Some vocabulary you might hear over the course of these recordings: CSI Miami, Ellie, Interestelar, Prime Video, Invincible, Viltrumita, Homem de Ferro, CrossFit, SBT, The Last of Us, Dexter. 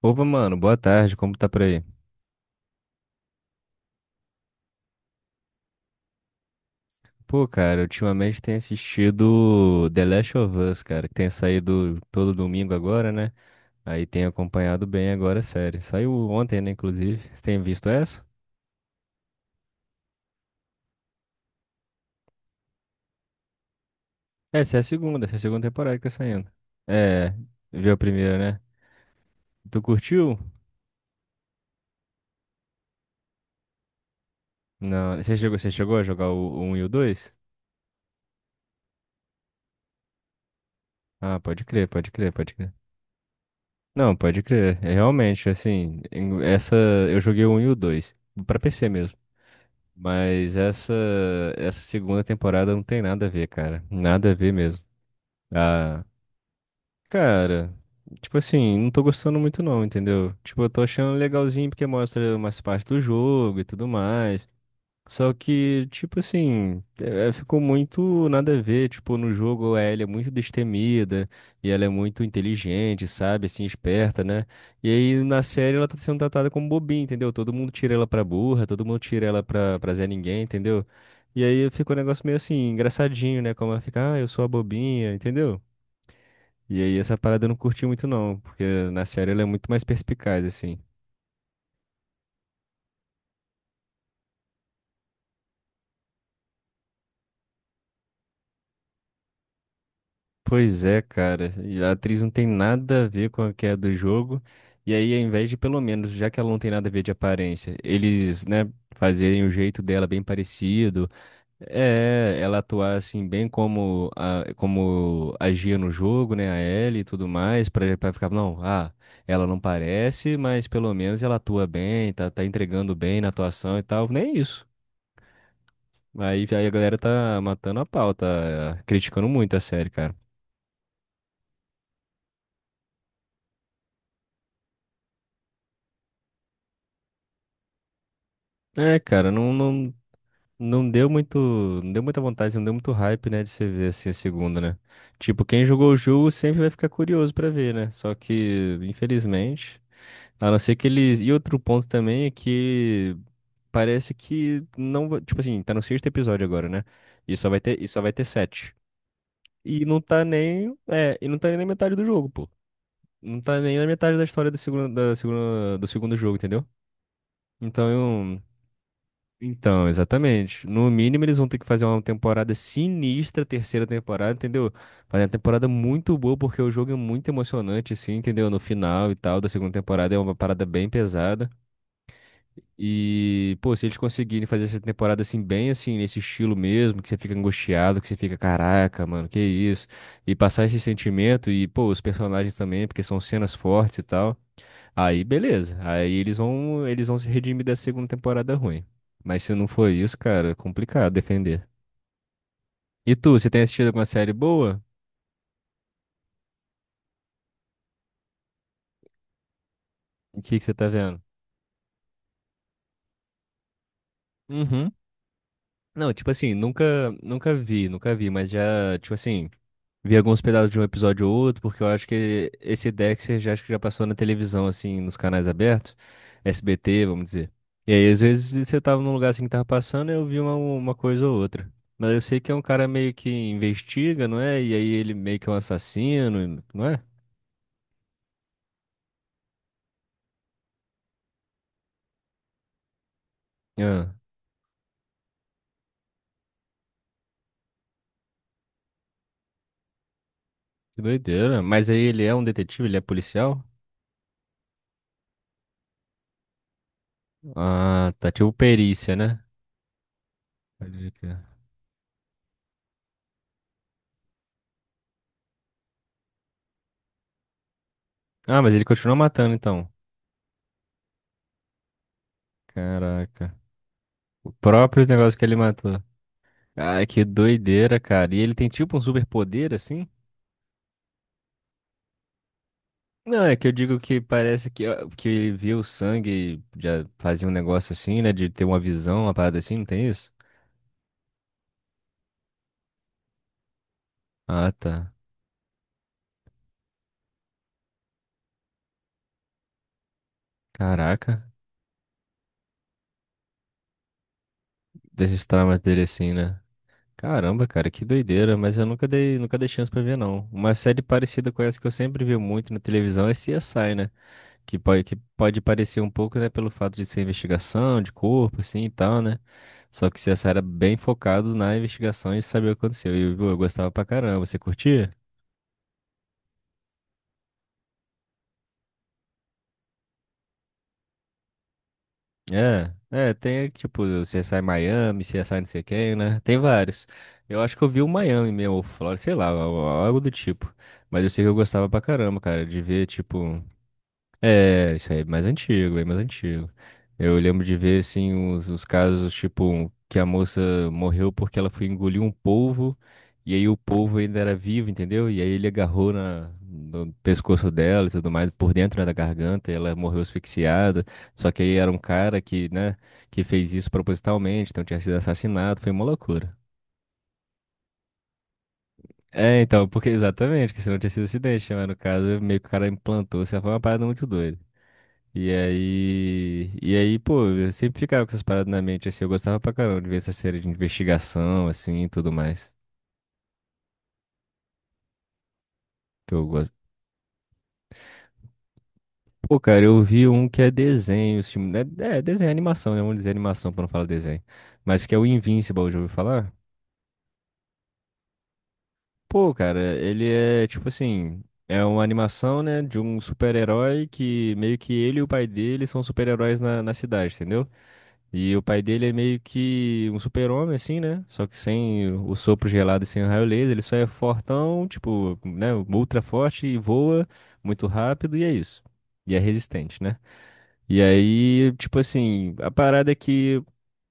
Opa, mano, boa tarde, como tá por aí? Pô, cara, ultimamente tenho assistido The Last of Us, cara, que tem saído todo domingo agora, né? Aí tenho acompanhado bem agora a série. Saiu ontem, né, inclusive. Você tem visto essa? É, essa é a segunda temporada que tá saindo. É, viu a primeira, né? Tu curtiu? Não, você chegou a jogar o 1 e o 2? Ah, pode crer, pode crer, pode crer. Não, pode crer. É realmente, assim, essa eu joguei o um e o 2 pra PC mesmo. Mas essa segunda temporada não tem nada a ver, cara. Nada a ver mesmo. Ah, cara, tipo assim, não tô gostando muito não, entendeu? Tipo, eu tô achando legalzinho porque mostra umas partes do jogo e tudo mais. Só que, tipo assim, ficou muito nada a ver. Tipo, no jogo a Ellie é muito destemida e ela é muito inteligente, sabe? Assim, esperta, né? E aí na série ela tá sendo tratada como bobinha, entendeu? Todo mundo tira ela pra burra, todo mundo tira ela pra, Zé Ninguém, entendeu? E aí ficou um negócio meio assim, engraçadinho, né? Como ela fica, ah, eu sou a bobinha, entendeu? E aí essa parada eu não curti muito não, porque na série ela é muito mais perspicaz, assim. Pois é, cara. E a atriz não tem nada a ver com a que é do jogo. E aí, ao invés de, pelo menos, já que ela não tem nada a ver de aparência, eles, né, fazerem o jeito dela bem parecido. É, ela atuar assim, bem como, como agia no jogo, né, a Ellie e tudo mais, pra ficar, não, ela não parece, mas pelo menos ela atua bem, tá entregando bem na atuação e tal. Nem isso. Aí a galera tá matando a pau, tá criticando muito a série, cara. É, cara, não, não. Não deu muito, não deu muita vontade, não deu muito hype, né, de você ver assim a segunda, né? Tipo, quem jogou o jogo sempre vai ficar curioso pra ver, né? Só que, infelizmente, a não ser que eles. E outro ponto também é que parece que não, tipo assim, tá no sexto episódio agora, né? E só vai ter sete. E não tá nem, é, e não tá nem na metade do jogo, pô. Não tá nem na metade da história do segundo, da segunda, do segundo jogo, entendeu? Então, exatamente. No mínimo, eles vão ter que fazer uma temporada sinistra, terceira temporada, entendeu? Fazer uma temporada muito boa, porque o jogo é muito emocionante, assim, entendeu? No final e tal, da segunda temporada é uma parada bem pesada. E, pô, se eles conseguirem fazer essa temporada, assim, bem assim, nesse estilo mesmo, que você fica angustiado, que você fica, caraca, mano, que isso? E passar esse sentimento, e, pô, os personagens também, porque são cenas fortes e tal. Aí beleza. Aí eles vão se redimir da segunda temporada ruim. Mas se não for isso, cara, é complicado defender. E você tem assistido alguma série boa? O que que você tá vendo? Uhum. Não, tipo assim, nunca vi, mas já, tipo assim, vi alguns pedaços de um episódio ou outro, porque eu acho que esse Dexter já acho que já passou na televisão, assim, nos canais abertos, SBT, vamos dizer. E aí, às vezes, você tava num lugar assim que tava passando, eu vi uma coisa ou outra. Mas eu sei que é um cara meio que investiga, não é? E aí ele meio que é um assassino, não é? Ah, que doideira. Mas aí ele é um detetive, ele é policial? Ah, tá tipo perícia, né? Pode crer. Ah, mas ele continua matando, então. Caraca. O próprio negócio que ele matou. Ai, que doideira, cara. E ele tem tipo um superpoder assim? Não, é que eu digo que parece que, ó, que ele via o sangue, e já fazia um negócio assim, né? De ter uma visão, uma parada assim, não tem isso? Ah, tá. Caraca. Desses traumas dele assim, né? Caramba, cara, que doideira. Mas eu nunca dei chance pra ver, não. Uma série parecida com essa que eu sempre vi muito na televisão é CSI, né? Que pode parecer um pouco, né, pelo fato de ser investigação de corpo, assim e tal, né? Só que você era bem focado na investigação e saber o que aconteceu. E eu gostava pra caramba. Você curtia? É, tem tipo CSI Miami, CSI não sei quem, né? Tem vários. Eu acho que eu vi o Miami mesmo, ou Flórida, sei lá, algo do tipo. Mas eu sei que eu gostava pra caramba, cara, de ver, tipo. É, isso aí é mais antigo, é mais antigo. Eu lembro de ver, assim, os casos, tipo, que a moça morreu porque ela foi engolir um polvo, e aí o polvo ainda era vivo, entendeu? E aí ele agarrou na, no pescoço dela e tudo mais, por dentro, né, da garganta, e ela morreu asfixiada. Só que aí era um cara que, né, que fez isso propositalmente, então tinha sido assassinado, foi uma loucura. É, então, porque exatamente, que se não tinha sido acidente, né? Mas no caso, meio que o cara implantou, isso foi uma parada muito doida. E aí, pô, eu sempre ficava com essas paradas na mente, assim, eu gostava pra caramba de ver essa série de investigação, assim, e tudo mais, que eu gosto. Pô, cara, eu vi um que é desenho, esse é desenho, é animação, né, vamos dizer animação pra não falar desenho, mas que é o Invincible, já ouviu falar? Pô, cara, ele é, tipo assim, é uma animação, né, de um super-herói que meio que ele e o pai dele são super-heróis na, cidade, entendeu? E o pai dele é meio que um super-homem, assim, né? Só que sem o sopro gelado e sem o raio laser, ele só é fortão, tipo, né? Ultra forte e voa muito rápido e é isso. E é resistente, né? E aí, tipo assim, a parada é que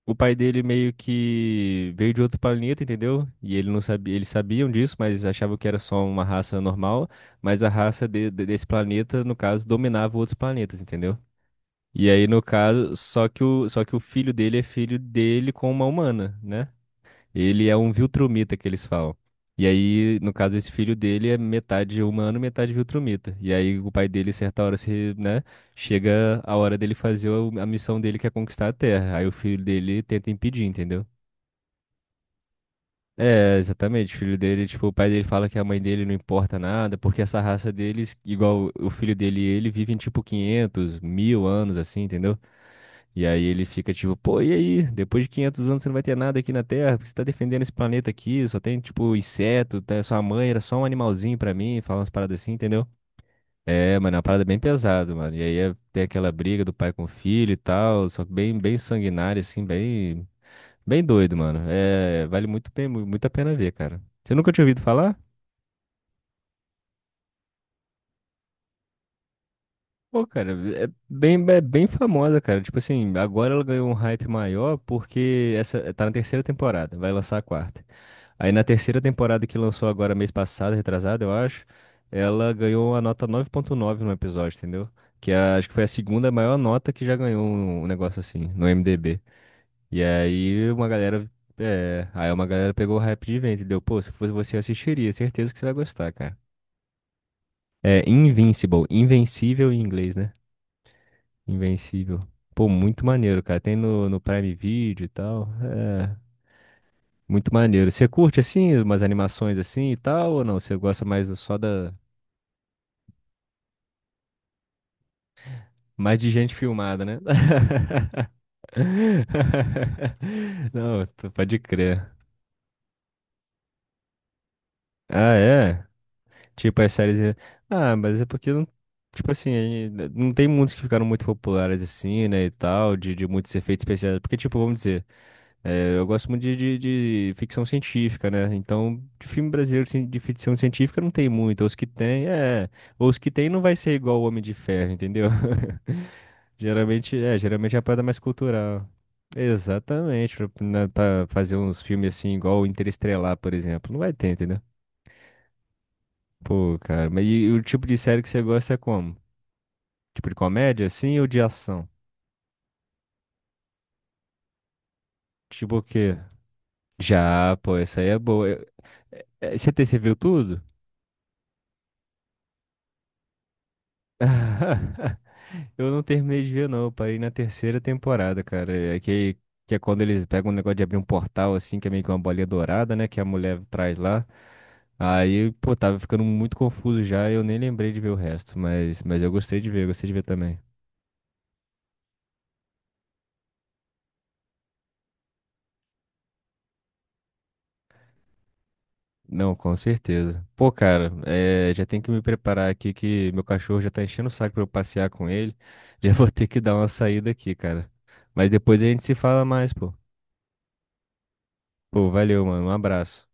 o pai dele meio que veio de outro planeta, entendeu? E ele não sabia, eles sabiam disso, mas achavam que era só uma raça normal, mas a raça desse planeta, no caso, dominava outros planetas, entendeu? E aí, no caso, só que o filho dele é filho dele com uma humana, né? Ele é um Viltrumita que eles falam. E aí, no caso, esse filho dele é metade humano, metade Viltrumita. E aí o pai dele, certa hora, se, né, chega a hora dele fazer a missão dele, que é conquistar a Terra. Aí o filho dele tenta impedir, entendeu? É, exatamente. O filho dele, tipo, o pai dele fala que a mãe dele não importa nada, porque essa raça deles, igual o filho dele e ele, vivem tipo 500, mil anos, assim, entendeu? E aí ele fica tipo, pô, e aí? Depois de 500 anos você não vai ter nada aqui na Terra, porque você tá defendendo esse planeta aqui, só tem, tipo, inseto, tá? Sua mãe era só um animalzinho pra mim, fala umas paradas assim, entendeu? É, mano, é uma parada bem pesada, mano. E aí é, tem aquela briga do pai com o filho e tal, só que bem, bem sanguinária, assim, bem, bem doido, mano. É, vale muito, bem, muito a pena ver, cara. Você nunca tinha ouvido falar? Pô, cara, é bem famosa, cara. Tipo assim, agora ela ganhou um hype maior porque essa tá na terceira temporada, vai lançar a quarta. Aí na terceira temporada que lançou agora mês passado, retrasado, eu acho, ela ganhou a nota 9,9 no episódio, entendeu? Que acho que foi a segunda maior nota que já ganhou um negócio assim, no IMDb. E aí uma galera pegou o hype de vento, entendeu? Pô, se fosse você, eu assistiria, certeza que você vai gostar, cara. É Invincible, invencível em inglês, né? Invencível. Pô, muito maneiro, cara. Tem no, Prime Video e tal. É. Muito maneiro. Você curte assim, umas animações assim e tal, ou não? Você gosta mais só da. Mais de gente filmada, né? Não, pode crer. Ah, é? Tipo, as séries. Ah, mas é porque não. Tipo assim, aí, né, não tem muitos que ficaram muito populares assim, né? E tal, de muitos efeitos especiais. Porque, tipo, vamos dizer. É, eu gosto muito de ficção científica, né? Então, de filme brasileiro assim, de ficção científica não tem muito. Os que tem, é. Os que tem não vai ser igual o Homem de Ferro, entendeu? Geralmente é a parada mais cultural. Exatamente. Pra, né, fazer uns filmes assim, igual o Interestelar, por exemplo. Não vai ter, entendeu? Pô, cara. Mas e o tipo de série que você gosta é como? Tipo de comédia, assim, ou de ação? Tipo o quê? Já, pô, essa aí é boa. Você viu tudo? Eu não terminei de ver, não. Eu parei na terceira temporada, cara. É que é quando eles pegam um negócio de abrir um portal, assim, que é meio que uma bolinha dourada, né? Que a mulher traz lá. Aí, pô, tava ficando muito confuso já. Eu nem lembrei de ver o resto. Mas eu gostei de ver, eu gostei de ver também. Não, com certeza. Pô, cara, já tem que me preparar aqui que meu cachorro já tá enchendo o saco pra eu passear com ele. Já vou ter que dar uma saída aqui, cara. Mas depois a gente se fala mais, pô. Pô, valeu, mano. Um abraço.